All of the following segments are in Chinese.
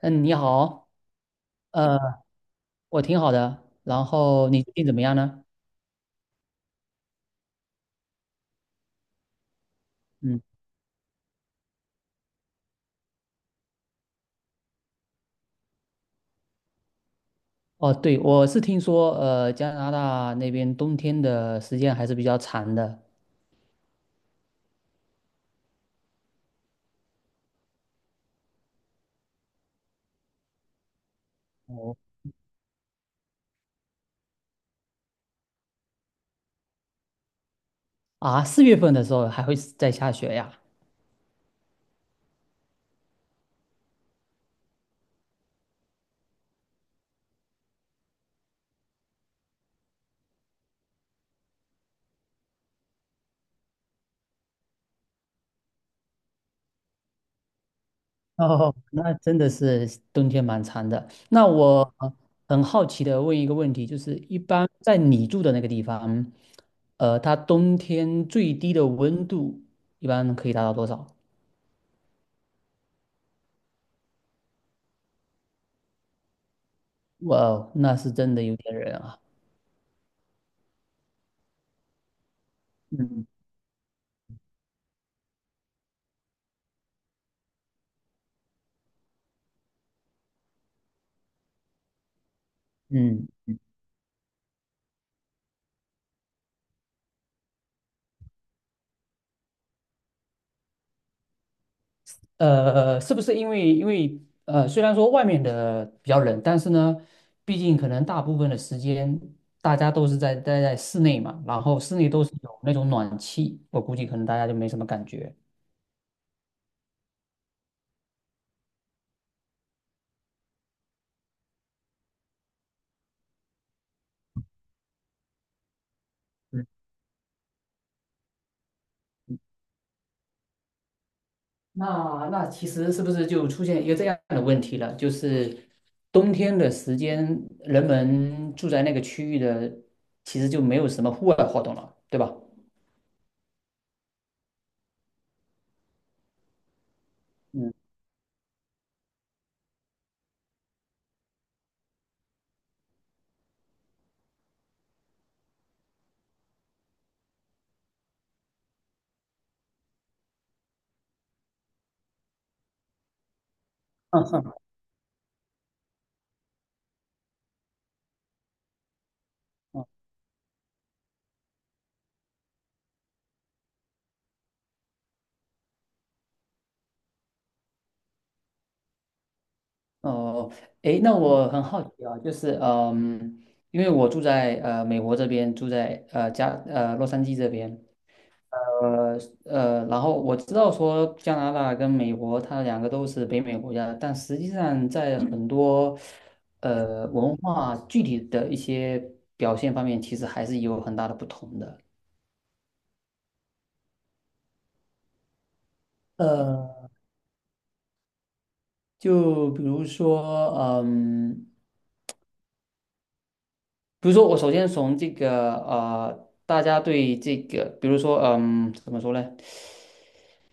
嗯，你好，呃，我挺好的。然后你最近怎么样呢？嗯，哦，对，我是听说，加拿大那边冬天的时间还是比较长的。哦，啊，四月份的时候还会在下雪呀？哦，那真的是冬天蛮长的。那我很好奇的问一个问题，就是一般在你住的那个地方，它冬天最低的温度一般可以达到多少？哇哦，那是真的有点冷啊。嗯嗯。是不是因为虽然说外面的比较冷，但是呢，毕竟可能大部分的时间大家都是在待在室内嘛，然后室内都是有那种暖气，我估计可能大家就没什么感觉。嗯，那其实是不是就出现一个这样的问题了？就是冬天的时间，人们住在那个区域的，其实就没有什么户外活动了，对吧？嗯，嗯嗯。哦，诶，那我很好奇啊，就是嗯，因为我住在美国这边，住在呃加呃洛杉矶这边，呃然后我知道说加拿大跟美国它两个都是北美国家，但实际上在很多文化具体的一些表现方面，其实还是有很大的不同的。呃，就比如说，嗯。比如说，我首先从这个大家对这个，比如说，怎么说呢？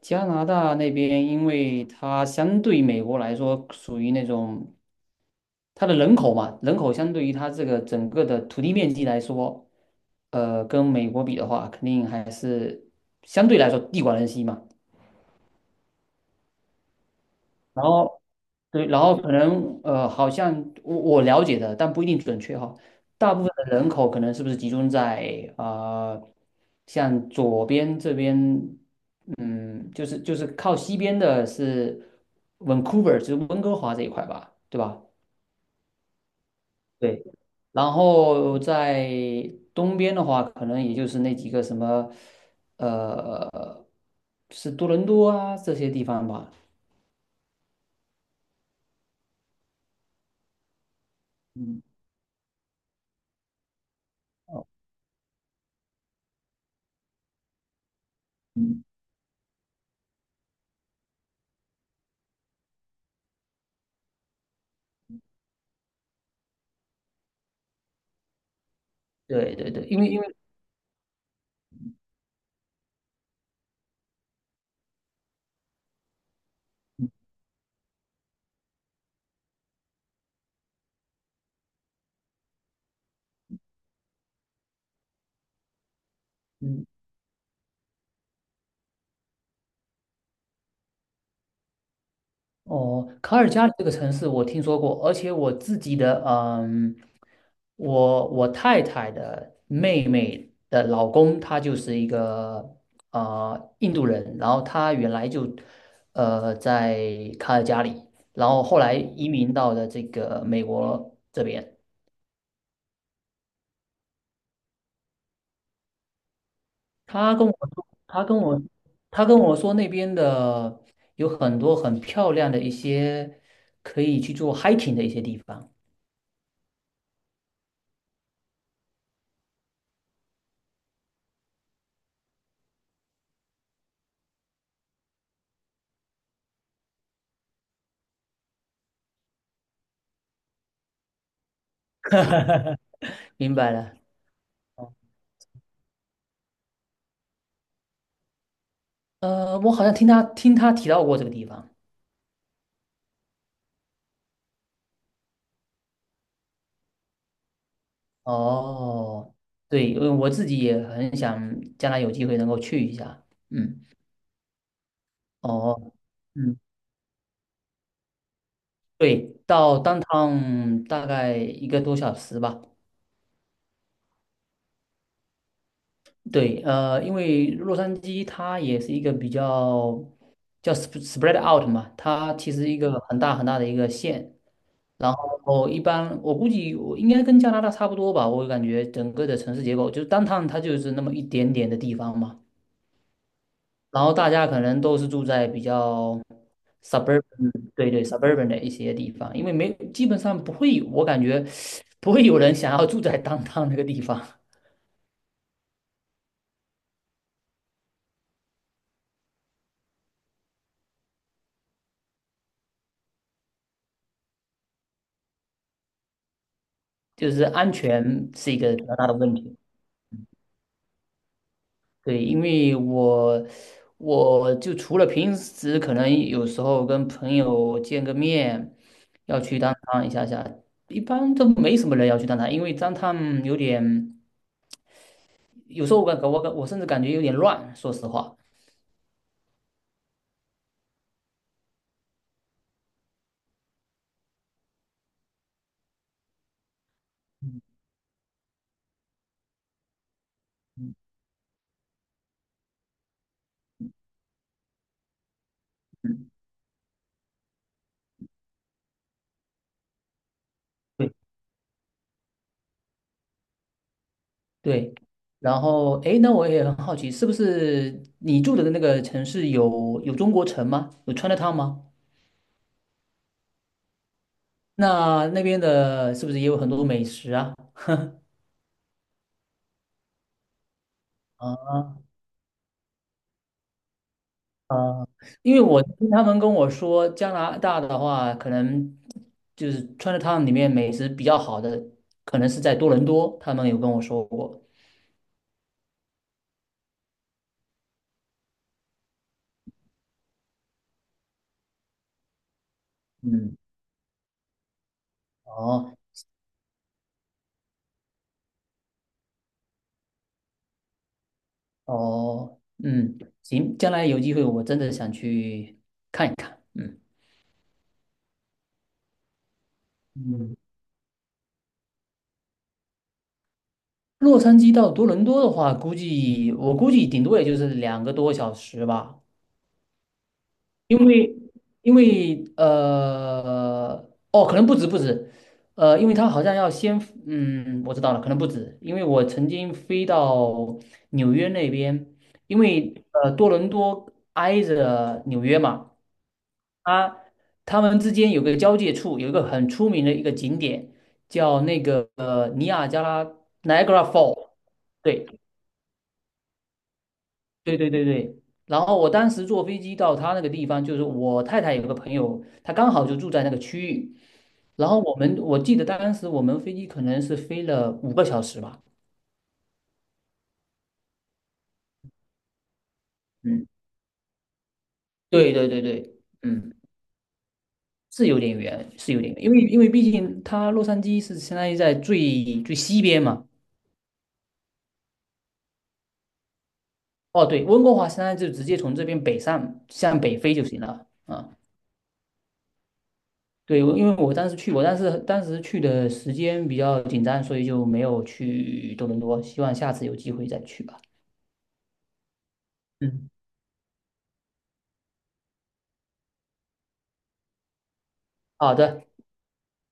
加拿大那边，因为它相对美国来说，属于那种它的人口嘛，人口相对于它这个整个的土地面积来说，跟美国比的话，肯定还是相对来说地广人稀嘛。然后对，然后可能好像我了解的，但不一定准确哈。大部分的人口可能是不是集中在像左边这边，嗯，就是靠西边的是 Vancouver，就是温哥华这一块吧，对吧？对。然后在东边的话，可能也就是那几个什么，呃，是多伦多啊这些地方吧。嗯。哦嗯对对对，因为因为嗯，哦，卡尔加里这个城市我听说过，而且我自己的，我太太的妹妹的老公，他就是一个印度人，然后他原来就在卡尔加里，然后后来移民到了这个美国这边。他跟我说，他跟我他跟我说那边的有很多很漂亮的一些可以去做 hiking 的一些地方，明白了。我好像听他提到过这个地方。哦，对，因为我自己也很想将来有机会能够去一下。嗯，哦，嗯，对，到当趟大概一个多小时吧。对，因为洛杉矶它也是一个比较叫 spread out 嘛，它其实一个很大很大的一个县。然后一般我估计我应该跟加拿大差不多吧，我感觉整个的城市结构就是当趟它就是那么一点点的地方嘛。然后大家可能都是住在比较 suburban，对对 suburban 的一些地方，因为没基本上不会有，我感觉不会有人想要住在 downtown 那个地方，就是安全是一个比较大的问题。对，因为我就除了平时可能有时候跟朋友见个面，要去当趟一下下，一般都没什么人要去当趟因为当趟有点有时候我甚至感觉有点乱，说实话。对，然后哎，诶那我也很好奇，是不是你住的那个城市有中国城吗？有 Chinatown 吗？那那边的是不是也有很多美食啊？啊啊，因为我听他们跟我说，加拿大的话，可能就是 Chinatown 里面美食比较好的，可能是在多伦多，他们有跟我说过。嗯，哦哦，嗯，行，将来有机会我真的想去看一看。嗯。嗯。洛杉矶到多伦多的话，估计我估计顶多也就是2个多小时吧，因为因为哦，可能不止不止，因为它好像要先嗯，我知道了，可能不止，因为我曾经飞到纽约那边，因为多伦多挨着纽约嘛，它他们之间有个交界处，有一个很出名的一个景点叫那个尼亚加拉 Niagara Fall。对，对对对对，然后我当时坐飞机到他那个地方，就是我太太有个朋友，他刚好就住在那个区域，然后我记得当时我们飞机可能是飞了5个小时吧，嗯，对对对对，嗯，是有点远，是有点远，因为毕竟它洛杉矶是相当于在最最西边嘛，哦对，温哥华相当于就直接从这边北上向北飞就行了，啊、对，因为我当时去，过，但是当时去的时间比较紧张，所以就没有去多伦多。希望下次有机会再去吧。嗯，好的。